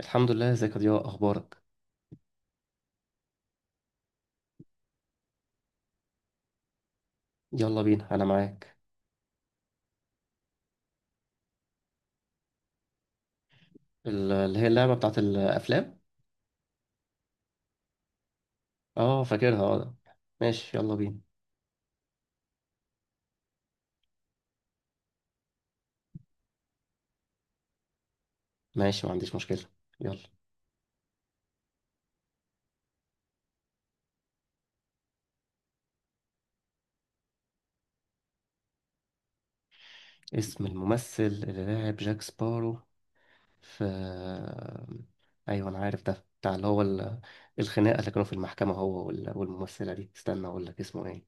الحمد لله، ازيك يا ضياء؟ اخبارك؟ يلا بينا، انا معاك. اللي هي اللعبه بتاعت الافلام. اه فاكرها، اه. ماشي، يلا بينا. ماشي، ما عنديش مشكله. يلا. اسم الممثل اللي لعب جاك سبارو في... ايوه انا عارف، ده بتاع اللي هو الخناقه اللي كانوا في المحكمه، هو والممثله دي، استنى اقول لك اسمه ايه.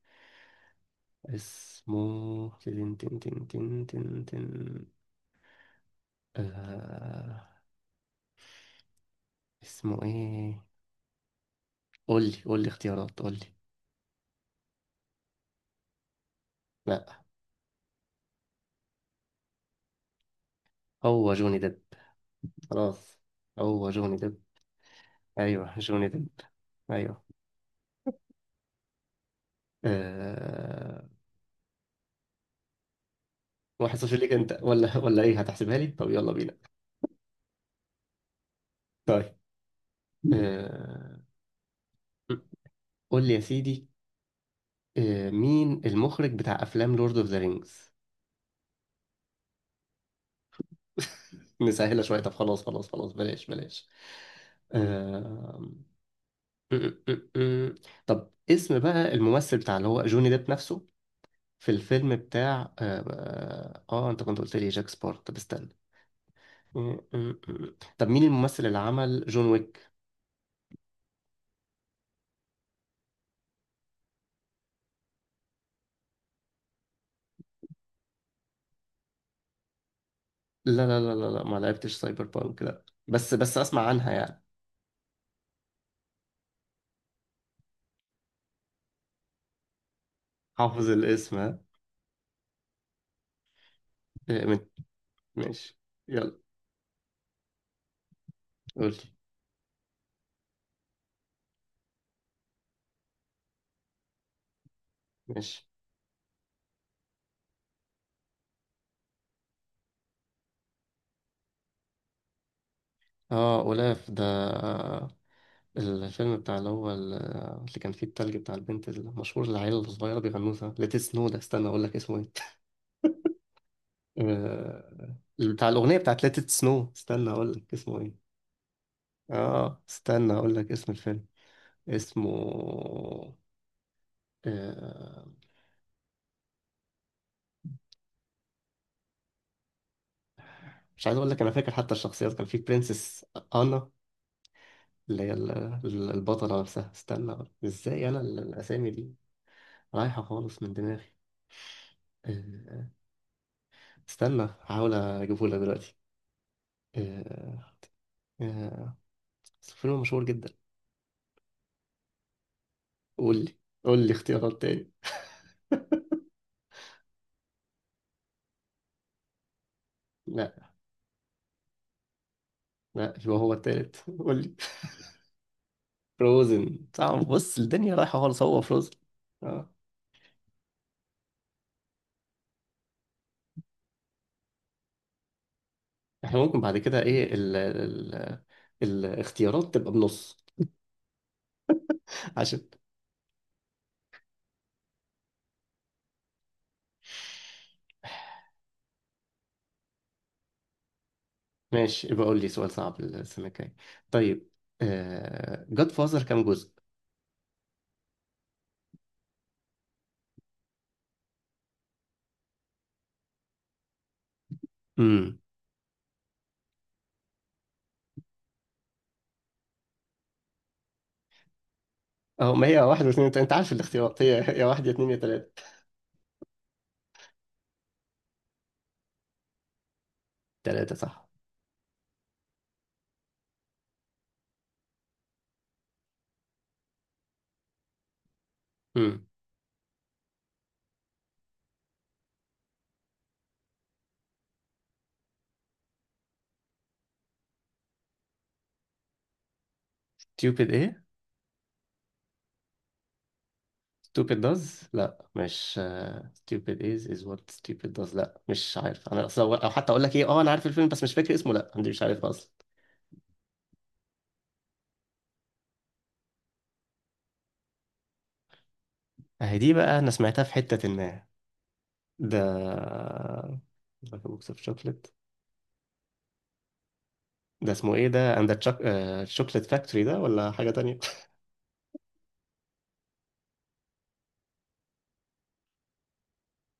اسمه تن تن تن تن تن تن. آه... اسمه ايه؟ قول لي اختيارات، قول لي. لا، هو جوني ديب. خلاص، هو جوني ديب. ايوه، جوني ديب. ايوه. أه... 1-0 ليك انت، ولا ايه، هتحسبها لي؟ طب يلا بينا. طيب. أه... قول لي يا سيدي. مين المخرج بتاع افلام لورد اوف ذا رينجز؟ نسهلها شويه، طب خلاص خلاص خلاص، بلاش بلاش. أه... طب اسم بقى الممثل بتاع اللي هو جوني ديب نفسه، في الفيلم بتاع انت كنت قلت لي جاك سبارت. طب استنى. م- م- م. طب مين الممثل اللي عمل جون ويك؟ لا لا لا لا لا، ما لعبتش سايبر بانك. لا، بس اسمع عنها يعني. حافظ الاسم، ها. إيه، ماشي. يلا. قول لي. ماشي. اه، اولاف ده. الفيلم بتاع اللي هو اللي كان فيه التلج بتاع البنت المشهور، اللي العيلة الصغيرة بيغنوه ده، ليت سنو ده، استنى اقول لك اسمه ايه. بتاع الاغنية بتاعت ليت سنو، استنى اقول لك اسمه ايه. اه، استنى اقول لك اسم الفيلم. اسمه... آه، مش عايز اقول لك، انا فاكر حتى الشخصيات، كان في برنسس. انا، اللي هي البطله نفسها، استنى. ازاي انا الاسامي دي رايحه خالص من دماغي. آه، استنى هحاول اجيبه لك دلوقتي. آه، آه، بس الفيلم مشهور جدا. قول لي. قول لي اختيارات تاني. لا. لا، يبقى هو التالت. قول لي. فروزن؟ صعب، بص الدنيا رايحه خالص، هو فروزن. اه. احنا ممكن بعد كده ايه، ال الاختيارات تبقى بنص، عشان. ماشي، يبقى قول لي سؤال صعب السنة الجاية. طيب. جاد فازر كام جزء؟ امم. اهو ما هي واحد واثنين وتلاتة. انت عارف الاختيارات هي يا واحد يا اتنين يا تلاتة. تلاتة صح. امم. stupid ايه؟ stupid does؟ لا مش، stupid is what stupid does. لا مش عارف انا اصلا، او حتى اقول لك ايه. اه، انا عارف الفيلم بس مش فاكر اسمه. لا، انا مش عارف اصلا. اهي دي بقى، انا سمعتها في حتة ما. ده بوكس اوف شوكليت. ده اسمه ايه، ده اند الشوكليت فاكتوري ده، ولا حاجة تانية؟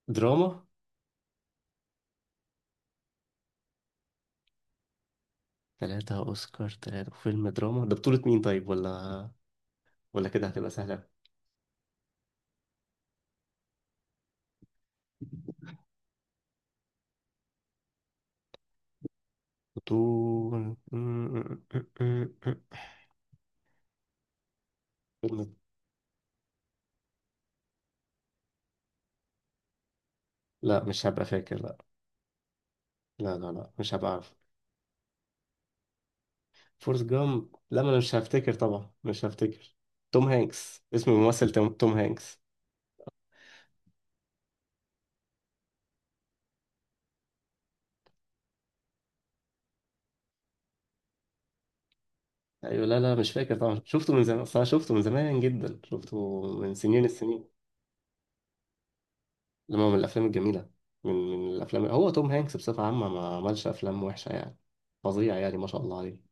دراما. ثلاثة أوسكار؟ ثلاثة؟ فيلم دراما ده بطولة مين طيب، ولا كده هتبقى سهلة؟ بطولة فيلم. لا مش هبقى فاكر، لا. لا لا لا، مش هبقى عارف. فورست جامب؟ لا ما أنا مش هفتكر طبعا، مش هفتكر. توم هانكس اسم الممثل، توم هانكس. أيوة. لا لا، مش فاكر طبعا، شفته من زمان، أصل أنا شفته من زمان جدا، شفته من سنين السنين. لما، من الأفلام الجميلة. من الأفلام، هو توم هانكس بصفة عامة ما عملش أفلام وحشة يعني، فظيع يعني، ما شاء الله عليه.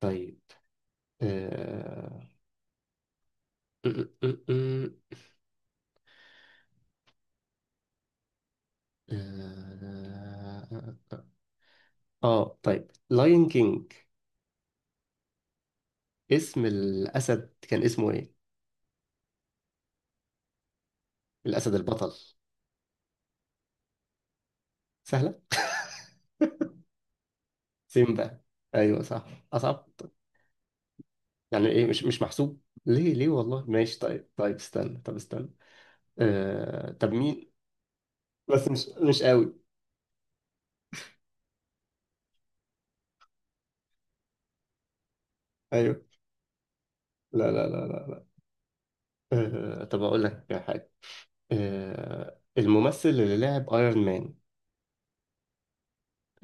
طيب. آه آه، آه، آه، آه، آه. طيب لاين كينج. اسم الأسد كان اسمه إيه؟ الأسد البطل. سهلة؟ سيمبا. أيوه صح. أصعب. يعني إيه مش مش محسوب، ليه ليه والله؟ ماشي طيب، طيب استنى، طب استنى. طب مين؟ بس مش قوي. أيوه. لا لا لا لا. طب أقول لك حاجة. الممثل اللي لعب ايرون مان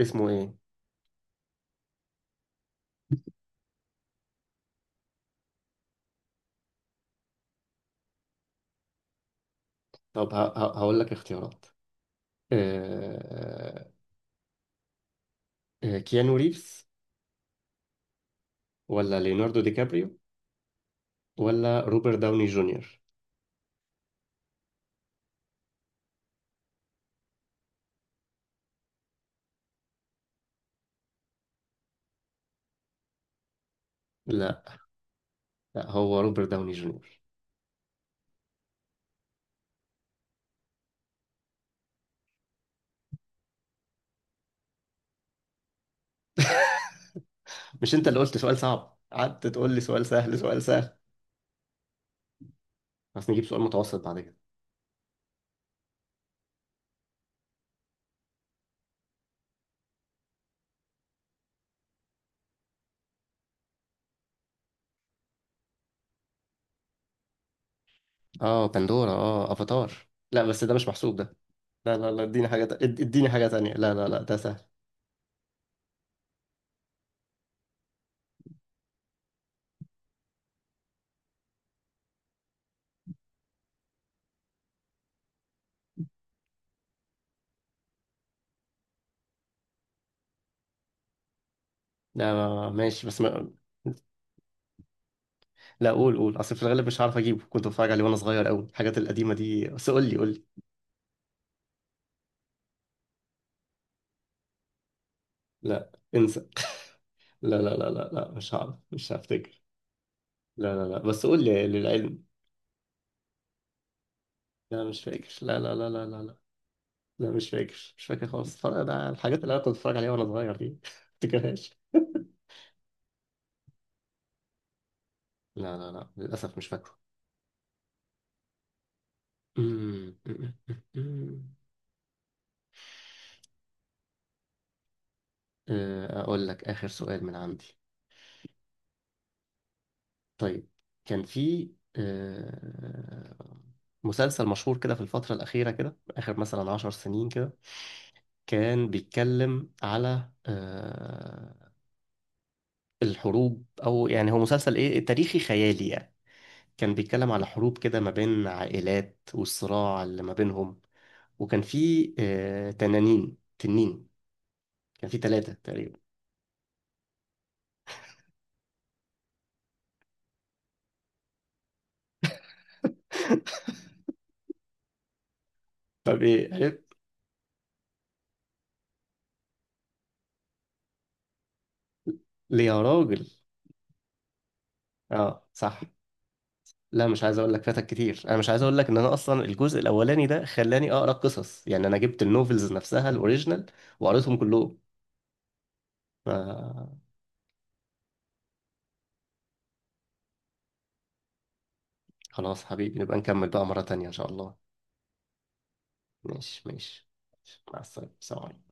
اسمه إيه؟ طب هقول لك اختيارات. آه، كيانو ريفز، ولا ليوناردو دي كابريو، ولا روبرت داوني جونيور؟ لا. لا، هو روبرت داوني جونيور. مش انت اللي قلت سؤال صعب؟ قعدت تقول لي سؤال سهل سؤال سهل. بس نجيب سؤال متوسط بعد كده. اه بندورة، اه افاتار. لا بس ده مش محسوب ده. لا لا لا، اديني اديني حاجة تانية. لا لا لا، ده سهل. لا، ماشي بس ما... لا قول، قول، اصل في الغالب مش هعرف اجيبه، كنت بتفرج عليه وانا صغير قوي الحاجات القديمة دي، بس قول لي قول لي. لا انسى. لا لا لا لا لا، مش هعرف، مش هفتكر. لا لا لا، بس قول لي للعلم. لا مش فاكر، لا لا لا لا لا لا. لا مش فاكر مش فاكر خالص، فرق ده الحاجات اللي انا كنت بتفرج عليها وانا صغير دي. ما افتكرهاش. لا لا لا للاسف، مش فاكره. أمم، أمم، أمم. اقول لك اخر سؤال من عندي. طيب. كان في آه، مسلسل مشهور كده في الفترة الأخيرة كده، آخر مثلا 10 سنين كده، كان بيتكلم على الحروب، أو يعني هو مسلسل إيه، تاريخي خيالي يعني. كان بيتكلم على حروب كده ما بين عائلات والصراع اللي ما بينهم. وكان في تنانين، تنين، كان في ثلاثة تقريبا. طب ايه عرفت. ليه يا راجل. اه صح. لا مش عايز اقول لك، فاتك كتير، انا مش عايز اقول لك، ان انا اصلا الجزء الاولاني ده خلاني اقرا قصص يعني، انا جبت النوفلز نفسها الاوريجينال وقريتهم كلهم. آه. خلاص حبيبي، نبقى نكمل بقى مرة تانية ان شاء الله. ماشي ماشي، مع السلامة. سلام عليكم.